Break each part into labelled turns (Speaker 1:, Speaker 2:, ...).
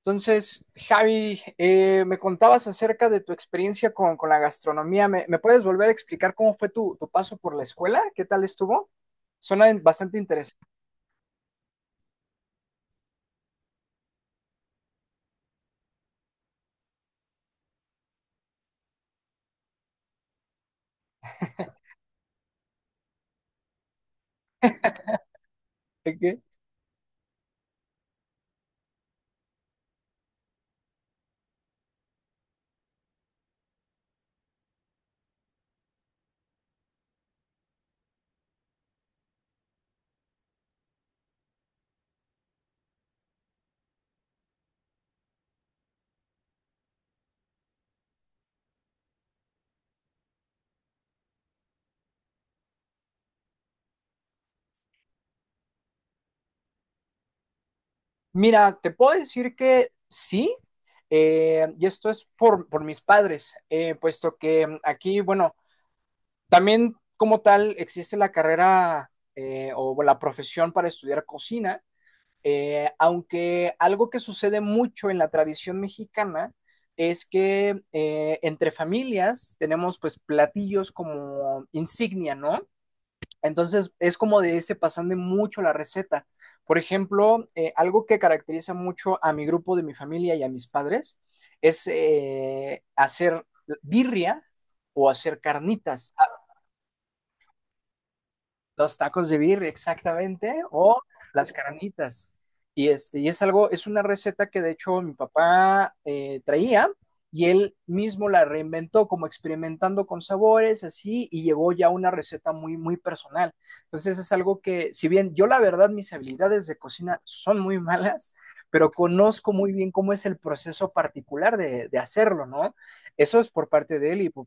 Speaker 1: Entonces, Javi, me contabas acerca de tu experiencia con la gastronomía. ¿¿Me puedes volver a explicar cómo fue tu paso por la escuela? ¿Qué tal estuvo? Suena bastante interesante. Ok. Mira, te puedo decir que sí, y esto es por mis padres, puesto que aquí, bueno, también como tal existe la carrera o la profesión para estudiar cocina. Aunque algo que sucede mucho en la tradición mexicana es que entre familias tenemos pues platillos como insignia, ¿no? Entonces es como de ese pasando mucho la receta. Por ejemplo, algo que caracteriza mucho a mi grupo de mi familia y a mis padres es hacer birria o hacer carnitas. Los tacos de birria, exactamente, o las carnitas. Y es algo, es una receta que de hecho mi papá traía, y él mismo la reinventó como experimentando con sabores, así, y llegó ya a una receta muy, muy personal. Entonces es algo que, si bien yo la verdad mis habilidades de cocina son muy malas, pero conozco muy bien cómo es el proceso particular de hacerlo, ¿no? Eso es por parte de él y,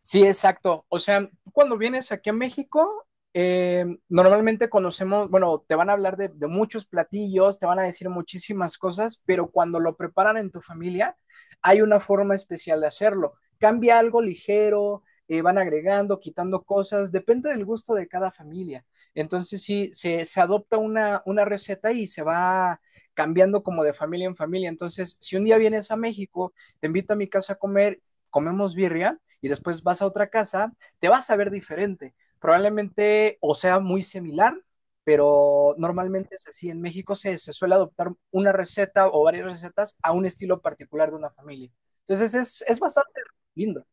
Speaker 1: Sí, exacto. O sea, tú cuando vienes aquí a México, normalmente conocemos, bueno, te van a hablar de muchos platillos, te van a decir muchísimas cosas, pero cuando lo preparan en tu familia, hay una forma especial de hacerlo. Cambia algo ligero, van agregando, quitando cosas, depende del gusto de cada familia. Entonces, sí, se adopta una receta y se va cambiando como de familia en familia. Entonces, si un día vienes a México, te invito a mi casa a comer, comemos birria y después vas a otra casa, te vas a ver diferente. Probablemente o sea muy similar, pero normalmente es así. En México se suele adoptar una receta o varias recetas a un estilo particular de una familia. Entonces es bastante lindo.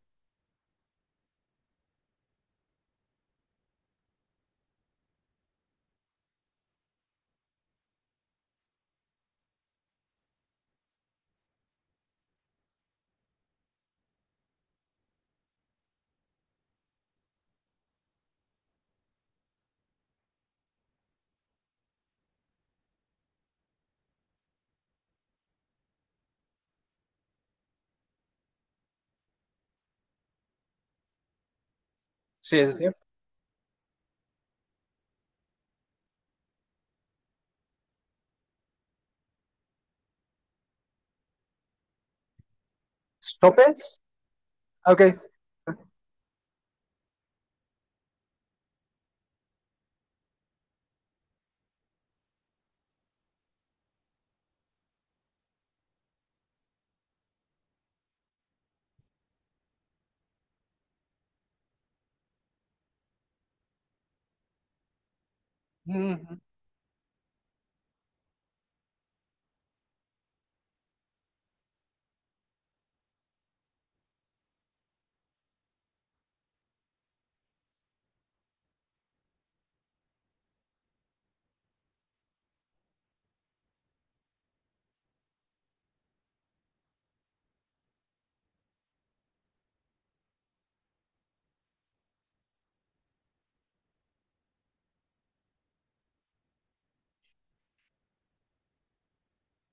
Speaker 1: Sí, sí, sí. ¿Sopes? Ok. Mm.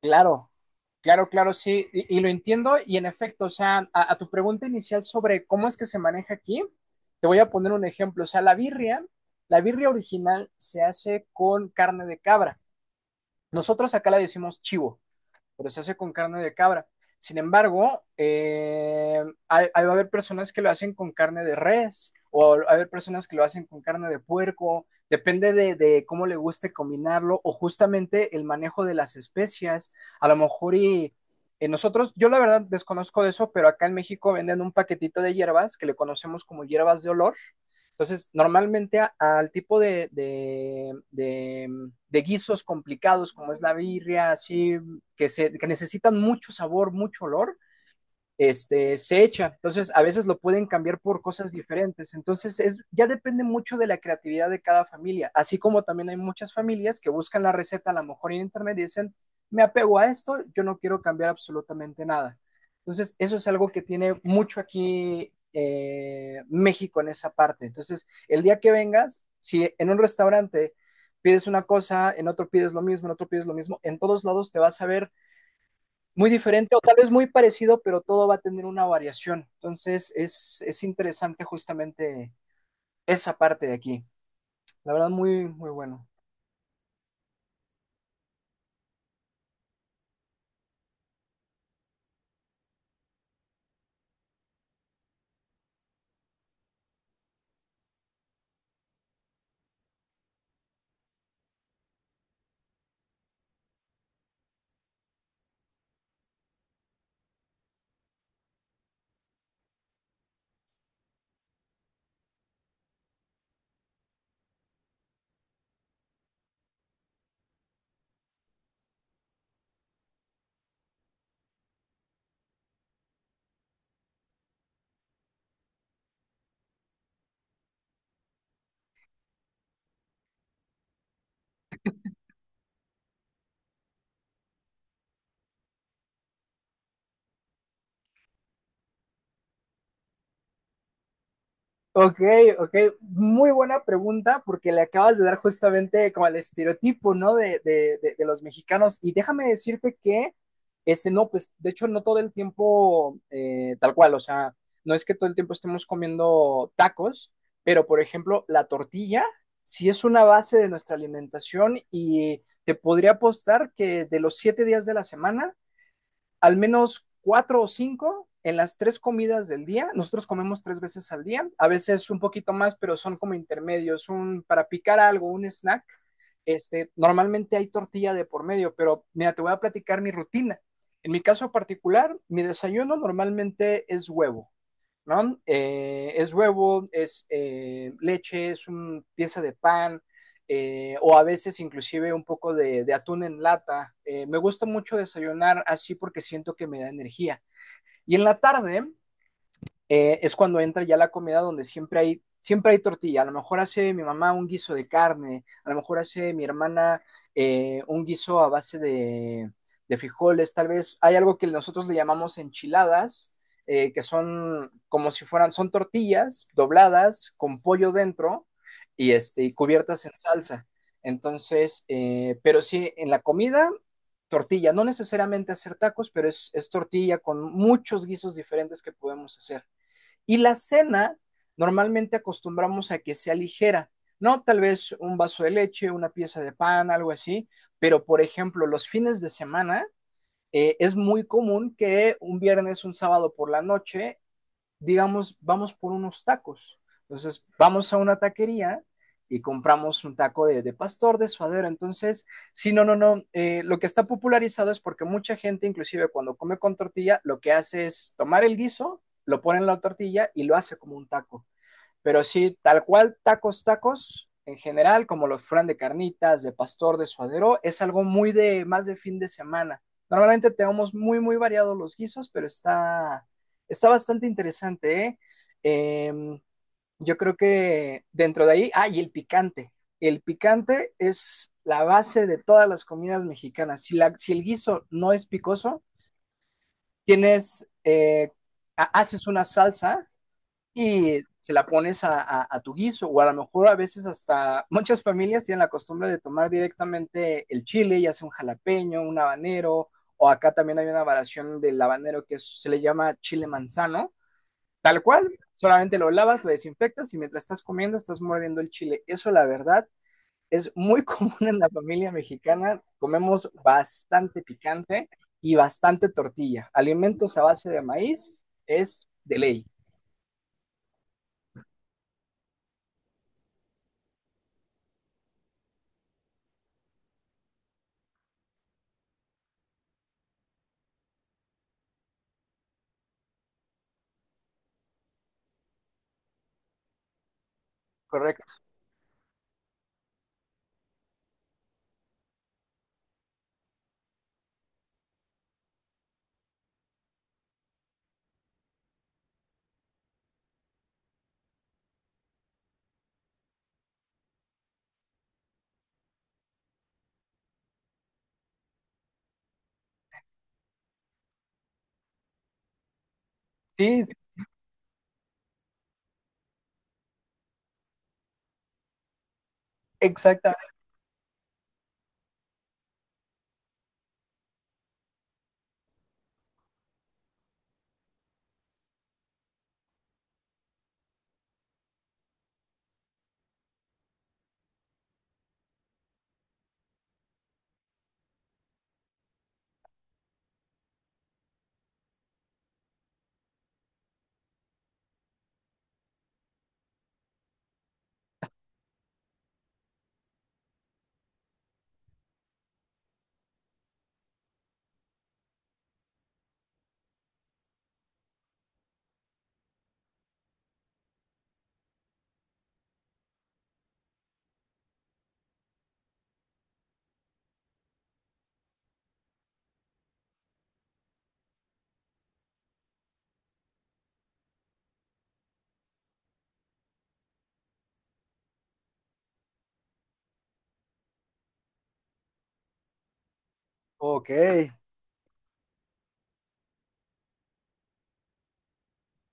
Speaker 1: Claro, claro, claro, sí, y lo entiendo y en efecto, o sea, a tu pregunta inicial sobre cómo es que se maneja aquí, te voy a poner un ejemplo, o sea, la birria original se hace con carne de cabra. Nosotros acá la decimos chivo, pero se hace con carne de cabra. Sin embargo, ahí va a haber personas que lo hacen con carne de res, o va a haber personas que lo hacen con carne de puerco, depende de cómo le guste combinarlo, o justamente el manejo de las especias. A lo mejor y nosotros, yo la verdad desconozco de eso, pero acá en México venden un paquetito de hierbas que le conocemos como hierbas de olor. Entonces, normalmente al tipo de guisos complicados, como es la birria, así que necesitan mucho sabor, mucho olor, se echa. Entonces, a veces lo pueden cambiar por cosas diferentes. Entonces, ya depende mucho de la creatividad de cada familia. Así como también hay muchas familias que buscan la receta a lo mejor en internet y dicen, me apego a esto, yo no quiero cambiar absolutamente nada. Entonces, eso es algo que tiene mucho aquí México en esa parte. Entonces, el día que vengas, si en un restaurante pides una cosa, en otro pides lo mismo, en otro pides lo mismo, en todos lados te vas a ver muy diferente o tal vez muy parecido, pero todo va a tener una variación. Entonces es interesante justamente esa parte de aquí. La verdad, muy, muy bueno. Ok, ok, muy buena pregunta porque le acabas de dar justamente como el estereotipo, ¿no? De los mexicanos. Y déjame decirte que ese no, pues de hecho no todo el tiempo tal cual, o sea, no es que todo el tiempo estemos comiendo tacos, pero por ejemplo, la tortilla sí es una base de nuestra alimentación y te podría apostar que de los siete días de la semana, al menos cuatro o cinco en las tres comidas del día. Nosotros comemos tres veces al día, a veces un poquito más, pero son como intermedios, un para picar algo, un snack. Normalmente hay tortilla de por medio, pero mira, te voy a platicar mi rutina. En mi caso particular, mi desayuno normalmente es huevo. ¿No? Es huevo, es leche, es una pieza de pan, o a veces inclusive un poco de atún en lata. Me gusta mucho desayunar así porque siento que me da energía. Y en la tarde, es cuando entra ya la comida donde siempre hay tortilla. A lo mejor hace mi mamá un guiso de carne, a lo mejor hace mi hermana un guiso a base de frijoles, tal vez hay algo que nosotros le llamamos enchiladas, que son como si fueran, son tortillas dobladas con pollo dentro y cubiertas en salsa. Entonces, pero sí, en la comida, tortilla, no necesariamente hacer tacos, pero es tortilla con muchos guisos diferentes que podemos hacer. Y la cena, normalmente acostumbramos a que sea ligera, ¿no? Tal vez un vaso de leche, una pieza de pan, algo así, pero por ejemplo, los fines de semana es muy común que un viernes, un sábado por la noche digamos, vamos por unos tacos. Entonces, vamos a una taquería y compramos un taco de pastor, de suadero. Entonces, sí, no, no, no. Eh, lo que está popularizado es porque mucha gente, inclusive cuando come con tortilla, lo que hace es tomar el guiso, lo pone en la tortilla y lo hace como un taco. Pero sí, tal cual, tacos, tacos, en general, como los fran de carnitas, de pastor, de suadero, es algo muy de, más de fin de semana. Normalmente tenemos muy, muy variados los guisos, pero está bastante interesante, ¿eh? Em, yo creo que dentro de ahí, ah, y el picante. El picante es la base de todas las comidas mexicanas. Si el guiso no es picoso, tienes, eh, haces una salsa y se la pones a tu guiso, o a lo mejor a veces hasta muchas familias tienen la costumbre de tomar directamente el chile, ya sea un jalapeño, un habanero, o acá también hay una variación del habanero que se le llama chile manzano, tal cual, solamente lo lavas, lo desinfectas y mientras estás comiendo estás mordiendo el chile. Eso la verdad es muy común en la familia mexicana, comemos bastante picante y bastante tortilla, alimentos a base de maíz es de ley, correcto. Sí, exactamente. Ok,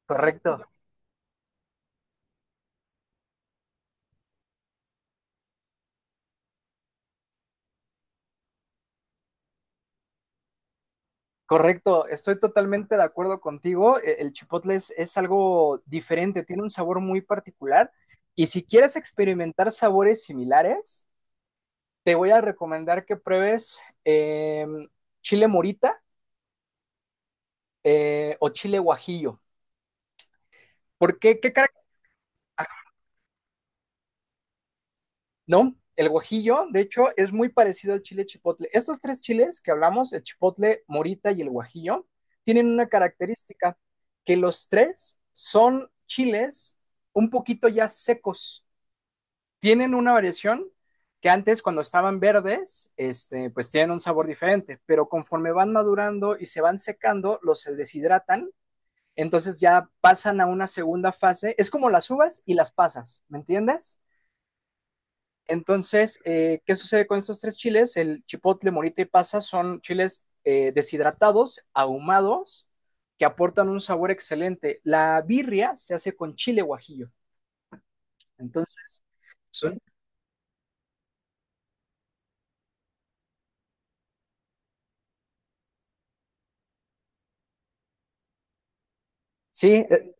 Speaker 1: correcto. Correcto, estoy totalmente de acuerdo contigo. El chipotle es algo diferente, tiene un sabor muy particular. Y si quieres experimentar sabores similares, te voy a recomendar que pruebes chile morita o chile guajillo. ¿Por qué? ¿¿Qué? No, el guajillo, de hecho, es muy parecido al chile chipotle. Estos tres chiles que hablamos, el chipotle, morita y el guajillo, tienen una característica, que los tres son chiles un poquito ya secos. Tienen una variación que antes cuando estaban verdes, pues tienen un sabor diferente, pero conforme van madurando y se van secando, los deshidratan, entonces ya pasan a una segunda fase. Es como las uvas y las pasas, ¿me entiendes? Entonces, ¿qué sucede con estos tres chiles? El chipotle, morita y pasa son chiles deshidratados, ahumados, que aportan un sabor excelente. La birria se hace con chile guajillo. Entonces, son- sí, eh,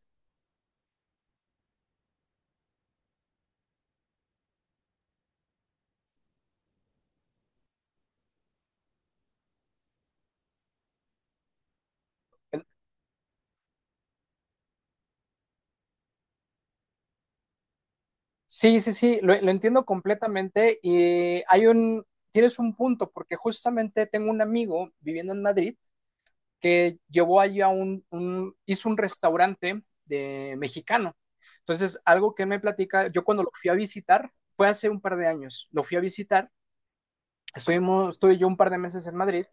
Speaker 1: eh, sí, sí, sí, lo entiendo completamente. Y tienes un punto, porque justamente tengo un amigo viviendo en Madrid que llevó allí hizo un restaurante de mexicano. Entonces, algo que me platica, yo cuando lo fui a visitar, fue hace un par de años, lo fui a visitar, estuve yo un par de meses en Madrid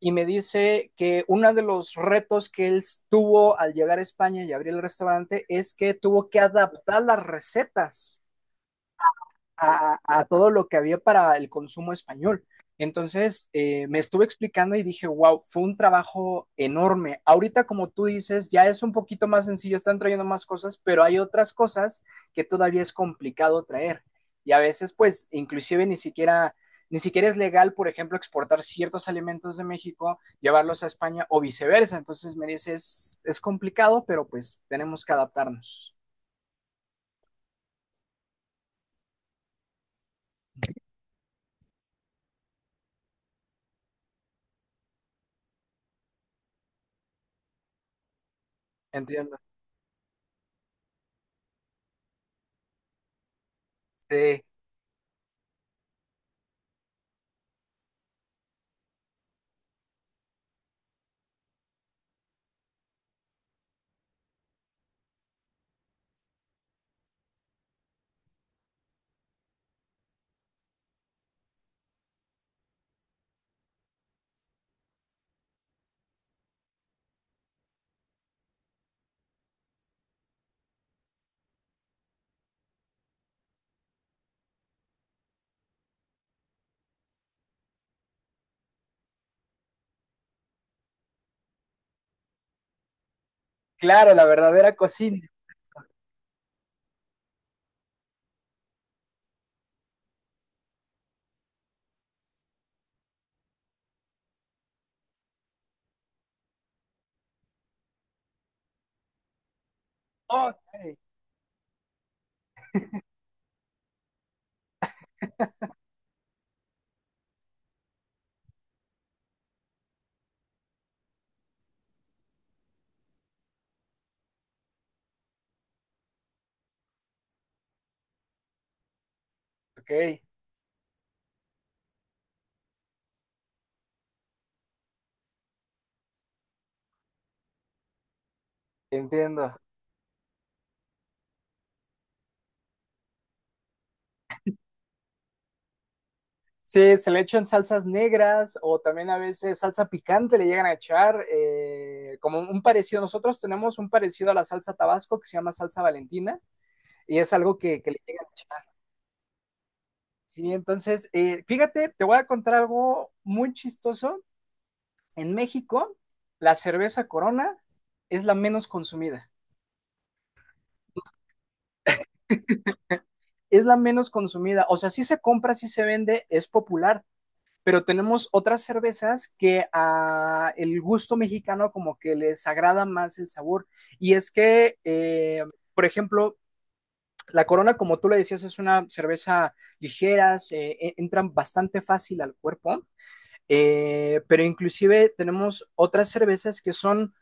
Speaker 1: y me dice que uno de los retos que él tuvo al llegar a España y abrir el restaurante es que tuvo que adaptar las recetas a todo lo que había para el consumo español. Entonces, me estuve explicando y dije, wow, fue un trabajo enorme. Ahorita, como tú dices, ya es un poquito más sencillo, están trayendo más cosas, pero hay otras cosas que todavía es complicado traer. Y a veces, pues, inclusive ni siquiera es legal, por ejemplo, exportar ciertos alimentos de México, llevarlos a España o viceversa. Entonces, me dices, es complicado, pero pues tenemos que adaptarnos. Entiendo. Sí, claro, la verdadera cocina. Ok, ok, entiendo. Sí, se le echan salsas negras o también a veces salsa picante le llegan a echar, como un parecido. Nosotros tenemos un parecido a la salsa Tabasco que se llama salsa Valentina y es algo que le llegan a echar. Sí, entonces, fíjate, te voy a contar algo muy chistoso. En México, la cerveza Corona es la menos consumida. Es la menos consumida. O sea, sí se compra, sí se vende, es popular, pero tenemos otras cervezas que a el gusto mexicano como que les agrada más el sabor. Y es que, por ejemplo, la Corona, como tú le decías, es una cerveza ligera, entran bastante fácil al cuerpo, pero inclusive tenemos otras cervezas que son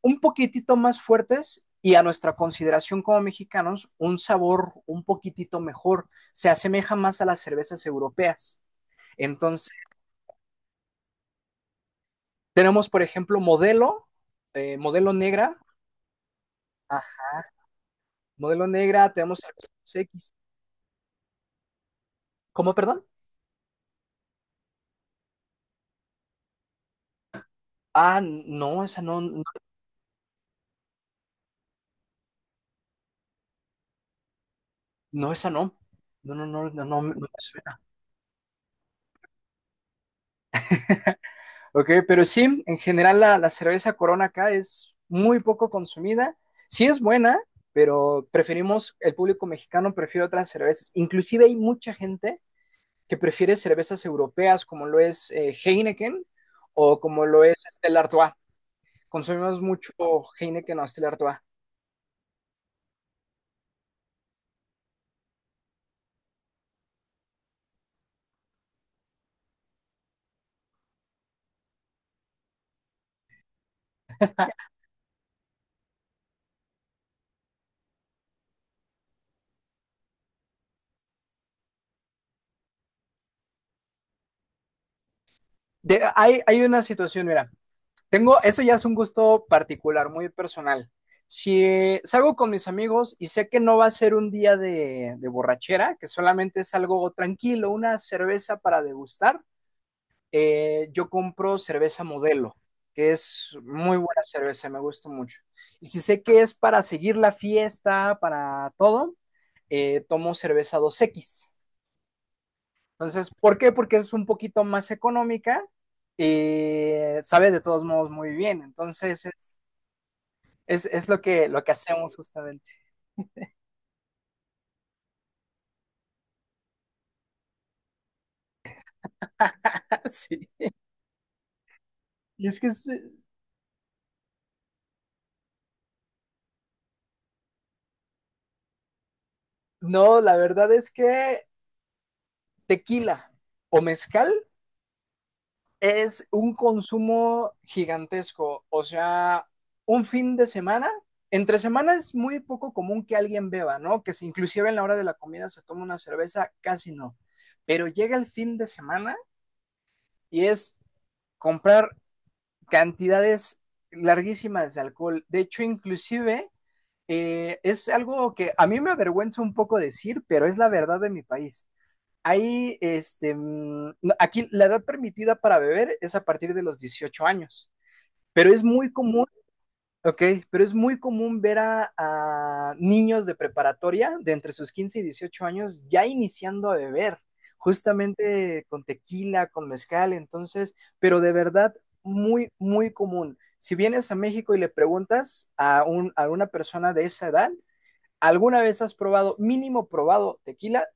Speaker 1: un poquitito más fuertes y a nuestra consideración como mexicanos, un sabor un poquitito mejor, se asemeja más a las cervezas europeas. Entonces, tenemos, por ejemplo, modelo, modelo negra. Ajá. Modelo negra, tenemos Arcos X. ¿Cómo, perdón? Ah, no, esa no, no, no, esa no. No, no, no, no, no, no me suena. Ok, pero sí, en general la cerveza Corona acá es muy poco consumida. Sí es buena, pero preferimos, el público mexicano prefiere otras cervezas. Inclusive hay mucha gente que prefiere cervezas europeas como lo es Heineken o como lo es este, el Artois. Consumimos mucho Heineken o Stella Artois. Hay, hay una situación, mira, tengo, eso ya es un gusto particular, muy personal. Si salgo con mis amigos y sé que no va a ser un día de borrachera, que solamente es algo tranquilo, una cerveza para degustar, yo compro cerveza modelo, que es muy buena cerveza, me gusta mucho. Y si sé que es para seguir la fiesta, para todo, tomo cerveza dos x. Entonces, ¿por qué? Porque es un poquito más económica y sabe de todos modos muy bien. Entonces, es lo que hacemos justamente. Sí. Y es que, es- no, la verdad es que tequila o mezcal es un consumo gigantesco. O sea, un fin de semana, entre semana es muy poco común que alguien beba, ¿no? Que si inclusive en la hora de la comida se toma una cerveza, casi no. Pero llega el fin de semana y es comprar cantidades larguísimas de alcohol. De hecho, inclusive es algo que a mí me avergüenza un poco decir, pero es la verdad de mi país. Ahí, este, no, aquí la edad permitida para beber es a partir de los 18 años, pero es muy común. Ok, pero es muy común ver a niños de preparatoria de entre sus 15 y 18 años ya iniciando a beber, justamente con tequila, con mezcal, entonces, pero de verdad muy, muy común. Si vienes a México y le preguntas a una persona de esa edad, ¿alguna vez has probado, mínimo probado tequila?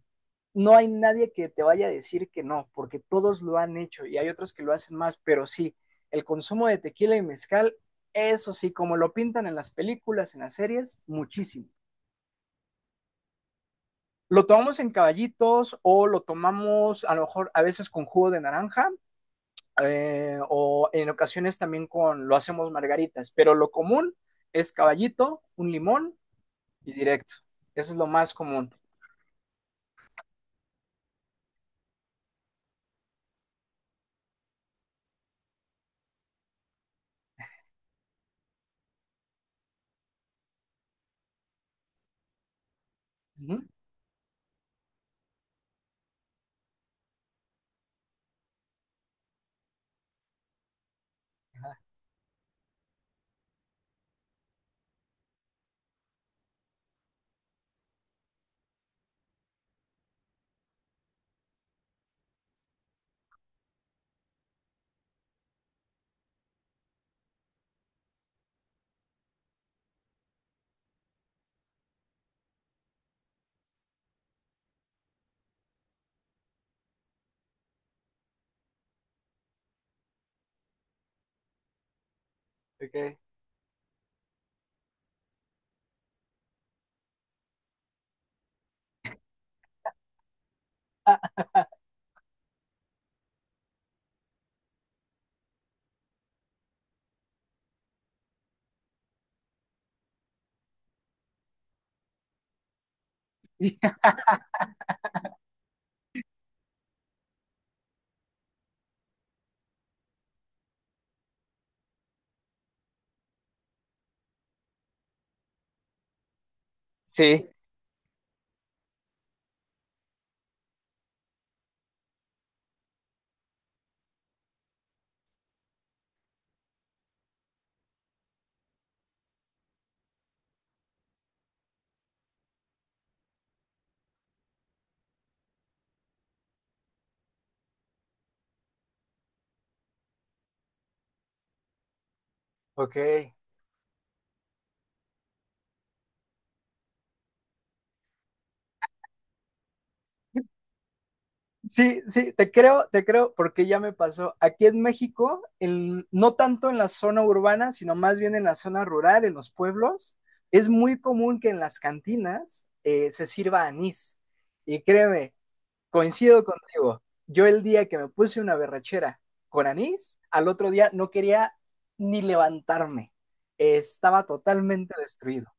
Speaker 1: No hay nadie que te vaya a decir que no, porque todos lo han hecho y hay otros que lo hacen más, pero sí, el consumo de tequila y mezcal, eso sí, como lo pintan en las películas, en las series, muchísimo. Lo tomamos en caballitos o lo tomamos a lo mejor a veces con jugo de naranja, o en ocasiones también con, lo hacemos margaritas, pero lo común es caballito, un limón y directo. Eso es lo más común. Ujú. Ok. Sí, ok. Sí, sí, te creo, porque ya me pasó. Aquí en México, no tanto en la zona urbana, sino más bien en la zona rural, en los pueblos, es muy común que en las cantinas se sirva anís. Y créeme, coincido contigo. Yo el día que me puse una berrachera con anís, al otro día no quería ni levantarme. Estaba totalmente destruido.